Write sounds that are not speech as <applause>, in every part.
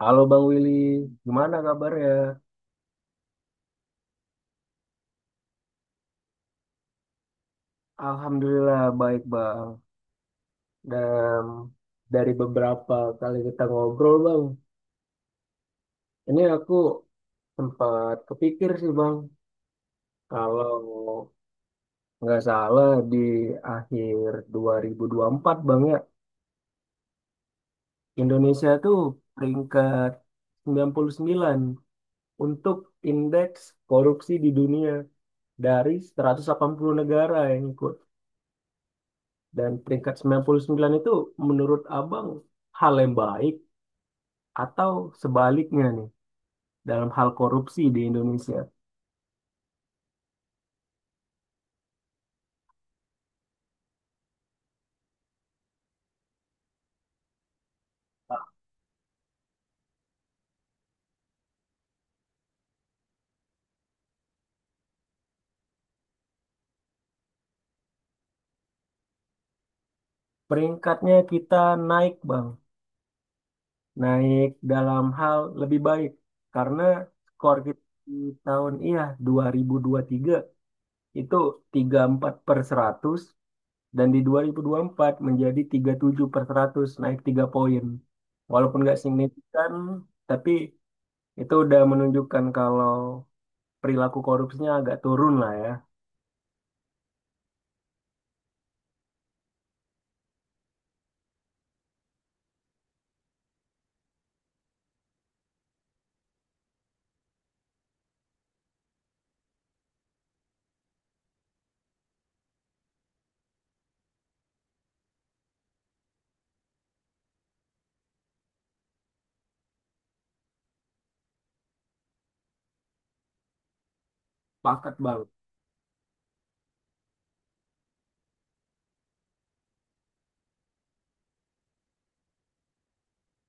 Halo Bang Willy, gimana kabarnya? Alhamdulillah baik Bang. Dan dari beberapa kali kita ngobrol Bang, ini aku sempat kepikir sih Bang, kalau nggak salah di akhir 2024 Bang ya, Indonesia tuh peringkat 99 untuk indeks korupsi di dunia dari 180 negara yang ikut. Dan peringkat 99 itu menurut Abang hal yang baik atau sebaliknya nih dalam hal korupsi di Indonesia. Peringkatnya kita naik, Bang. Naik dalam hal lebih baik karena skor kita di tahun 2023 itu 34 per 100 dan di 2024 menjadi 37 per 100 naik 3 poin. Walaupun nggak signifikan tapi itu udah menunjukkan kalau perilaku korupsinya agak turun lah ya. Paket bang.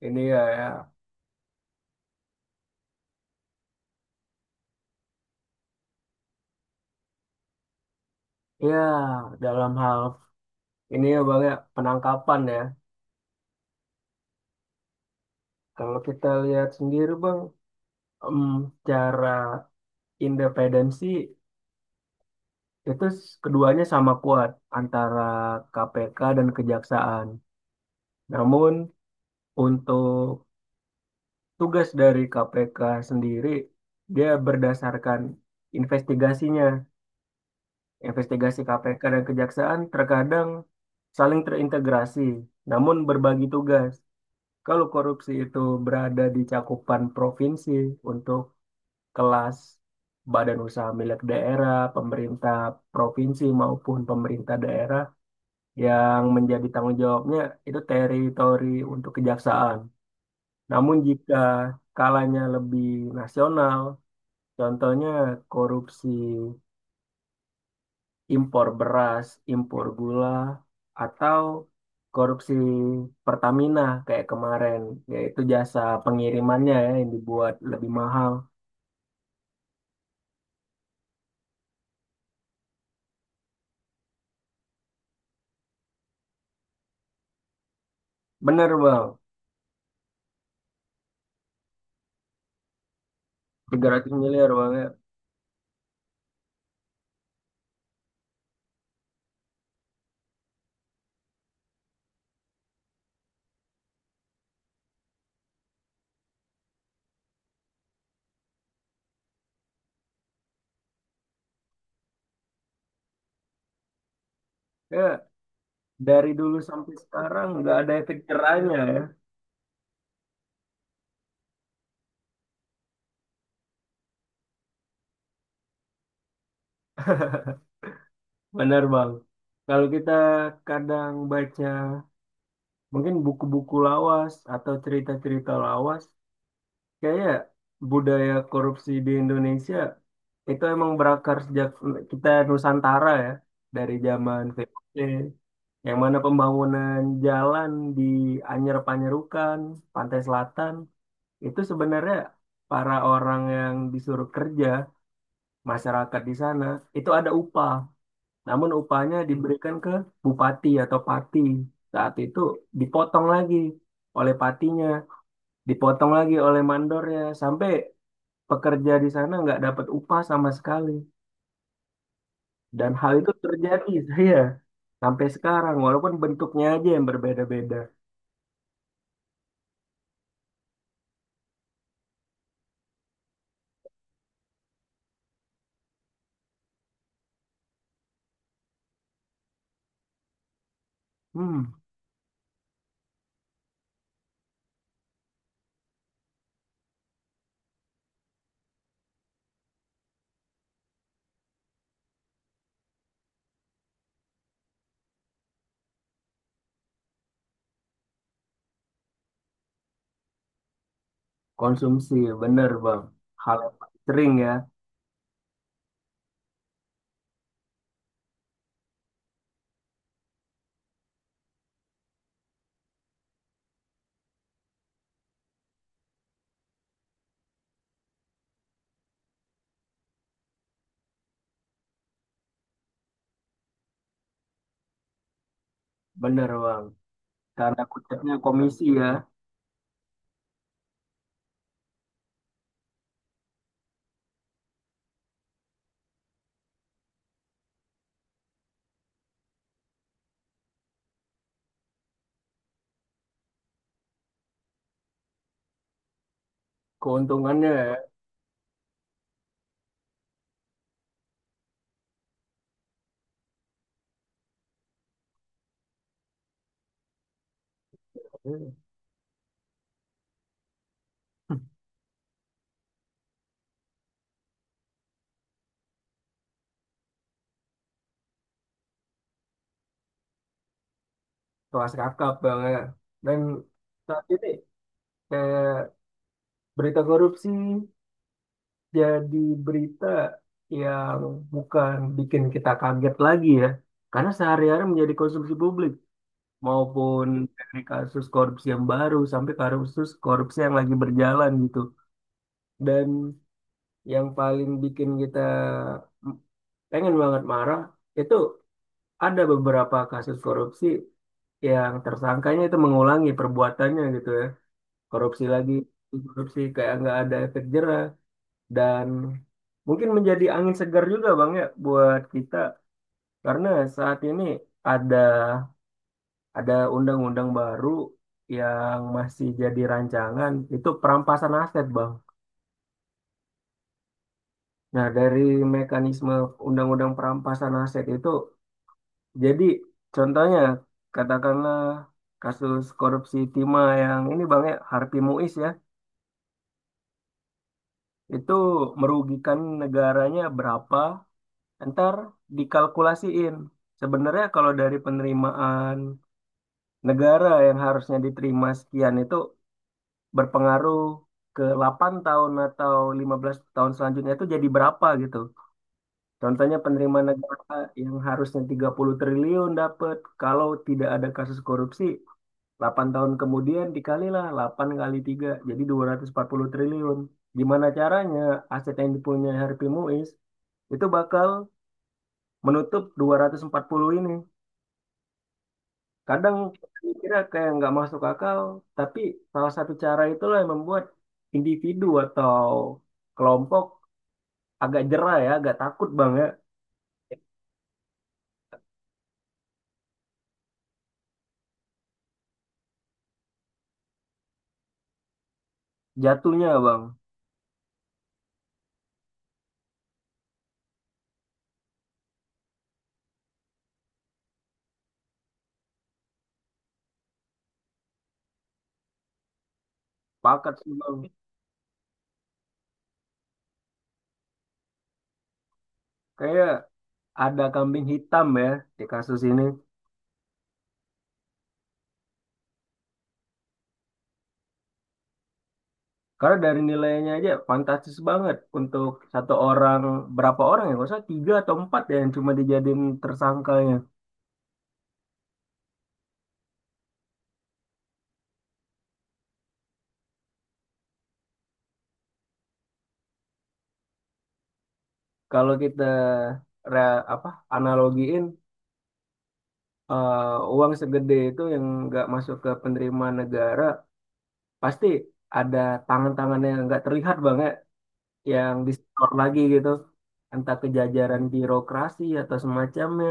Ini ya, ya, ya, dalam hal ini ya bang ya, penangkapan ya. Kalau kita lihat sendiri bang, Em, cara independensi itu keduanya sama kuat antara KPK dan kejaksaan. Namun untuk tugas dari KPK sendiri dia berdasarkan investigasinya. Investigasi KPK dan kejaksaan terkadang saling terintegrasi, namun berbagi tugas. Kalau korupsi itu berada di cakupan provinsi untuk kelas badan usaha milik daerah, pemerintah provinsi maupun pemerintah daerah yang menjadi tanggung jawabnya itu teritori untuk kejaksaan. Namun jika skalanya lebih nasional, contohnya korupsi impor beras, impor gula, atau korupsi Pertamina kayak kemarin, yaitu jasa pengirimannya ya yang dibuat lebih mahal. Bener bang, 300 miliar bang ya. Ya, dari dulu sampai sekarang nggak ada efek jerahnya ya. <laughs> Benar Bang. Kalau kita kadang baca mungkin buku-buku lawas atau cerita-cerita lawas, kayak budaya korupsi di Indonesia itu emang berakar sejak kita Nusantara ya, dari zaman VOC, yang mana pembangunan jalan di Anyer Panyerukan, Pantai Selatan, itu sebenarnya para orang yang disuruh kerja masyarakat di sana itu ada upah. Namun upahnya diberikan ke bupati atau pati. Saat itu dipotong lagi oleh patinya, dipotong lagi oleh mandornya, sampai pekerja di sana nggak dapat upah sama sekali. Dan hal itu terjadi <laughs> saya sampai sekarang, walaupun bentuknya aja yang berbeda-beda. Hmm, Konsumsi, bener bang. Hal yang paling sering ya, bener bang. Karena kutipnya komisi ya, keuntungannya. Kelas kakap banget dan saat ini kayak berita korupsi jadi berita yang bukan bikin kita kaget lagi ya, karena sehari-hari menjadi konsumsi publik maupun dari kasus korupsi yang baru sampai kasus korupsi yang lagi berjalan gitu, dan yang paling bikin kita pengen banget marah itu ada beberapa kasus korupsi yang tersangkanya itu mengulangi perbuatannya gitu ya, korupsi lagi, korupsi kayak nggak ada efek jerah. Dan mungkin menjadi angin segar juga bang ya buat kita karena saat ini ada ada undang-undang baru yang masih jadi rancangan itu perampasan aset bang. Nah dari mekanisme undang-undang perampasan aset itu, jadi contohnya katakanlah kasus korupsi timah yang ini bang ya, Harvey Muiz ya, itu merugikan negaranya berapa. Ntar dikalkulasiin. Sebenarnya kalau dari penerimaan negara yang harusnya diterima sekian itu berpengaruh ke 8 tahun atau 15 tahun selanjutnya itu jadi berapa gitu. Contohnya penerimaan negara yang harusnya 30 triliun dapat kalau tidak ada kasus korupsi, 8 tahun kemudian dikalilah 8 kali 3 jadi 240 triliun. Gimana caranya aset yang dipunyai Harvey Muiz itu bakal menutup 240 ini. Kadang kira kayak nggak masuk akal, tapi salah satu cara itulah yang membuat individu atau kelompok agak jera ya, agak takut bang ya, jatuhnya bang. Pakat sih bang. Kayak ada kambing hitam ya di kasus ini. Karena dari nilainya aja fantastis banget untuk satu orang, berapa orang ya? Nggak usah tiga atau empat ya yang cuma dijadiin tersangkanya. Kalau kita apa analogiin eh, uang segede itu yang nggak masuk ke penerima negara, pasti ada tangan-tangan yang nggak terlihat banget yang disetor lagi gitu. Entah kejajaran birokrasi atau semacamnya.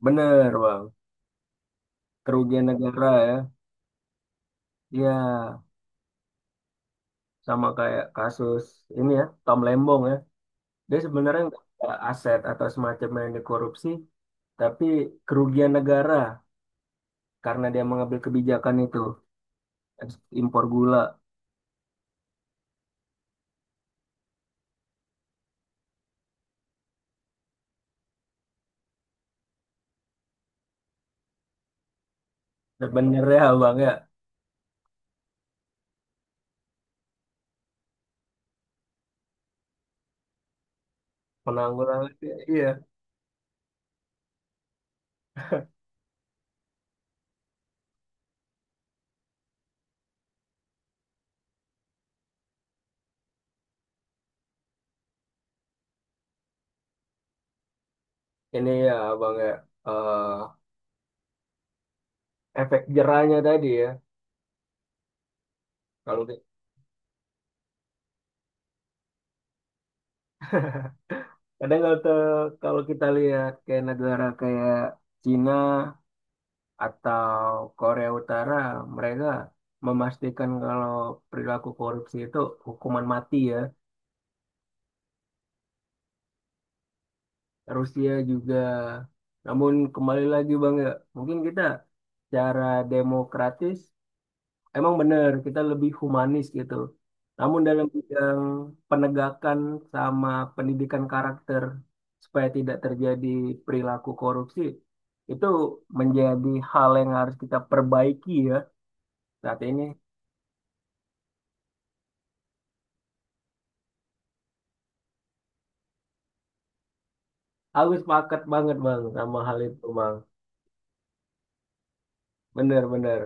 Bener, Bang. Kerugian negara ya. Ya, sama kayak kasus ini ya, Tom Lembong ya. Dia sebenarnya nggak ada aset atau semacamnya yang dikorupsi, tapi kerugian negara karena dia mengambil kebijakan itu. Impor gula. Sebenarnya, Bang ya. Penanggulangan, iya. Ini ya bang ya, eh, efek jerahnya tadi ya. kalau ki- Kadang kalau kita lihat kayak negara kayak Cina atau Korea Utara, mereka memastikan kalau perilaku korupsi itu hukuman mati ya. Rusia juga, namun kembali lagi bang ya, mungkin kita cara demokratis. Emang benar, kita lebih humanis gitu. Namun dalam bidang penegakan sama pendidikan karakter supaya tidak terjadi perilaku korupsi, itu menjadi hal yang harus kita perbaiki ya saat ini. Aku sepakat banget Bang sama hal itu Bang. Benar-benar.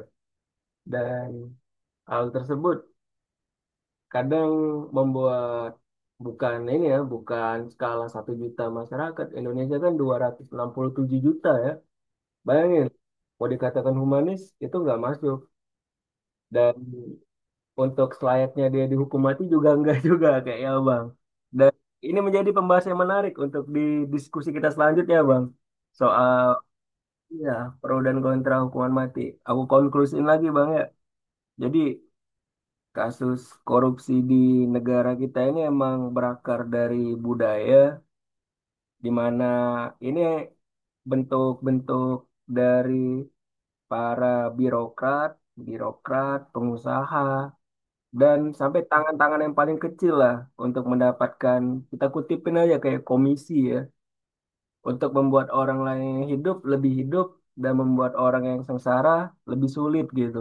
Dan hal tersebut kadang membuat, bukan ini ya, bukan skala 1 juta masyarakat. Indonesia kan 267 juta ya. Bayangin, mau dikatakan humanis itu nggak masuk, dan untuk selayaknya dia dihukum mati juga <laughs> nggak juga kayak ya Bang. Dan ini menjadi pembahasan yang menarik untuk di diskusi kita selanjutnya Bang. Soal ya, pro dan kontra hukuman mati. Aku konklusiin lagi Bang ya. Jadi kasus korupsi di negara kita ini emang berakar dari budaya, di mana ini bentuk-bentuk dari para birokrat, pengusaha, dan sampai tangan-tangan yang paling kecil lah untuk mendapatkan, kita kutipin aja kayak komisi ya, untuk membuat orang lain yang hidup lebih hidup dan membuat orang yang sengsara lebih sulit gitu.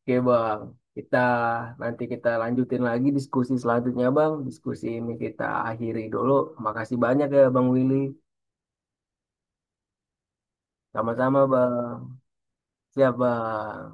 Oke bang, kita nanti kita lanjutin lagi diskusi selanjutnya bang. Diskusi ini kita akhiri dulu. Makasih banyak ya bang Willy. Sama-sama bang. Siap bang.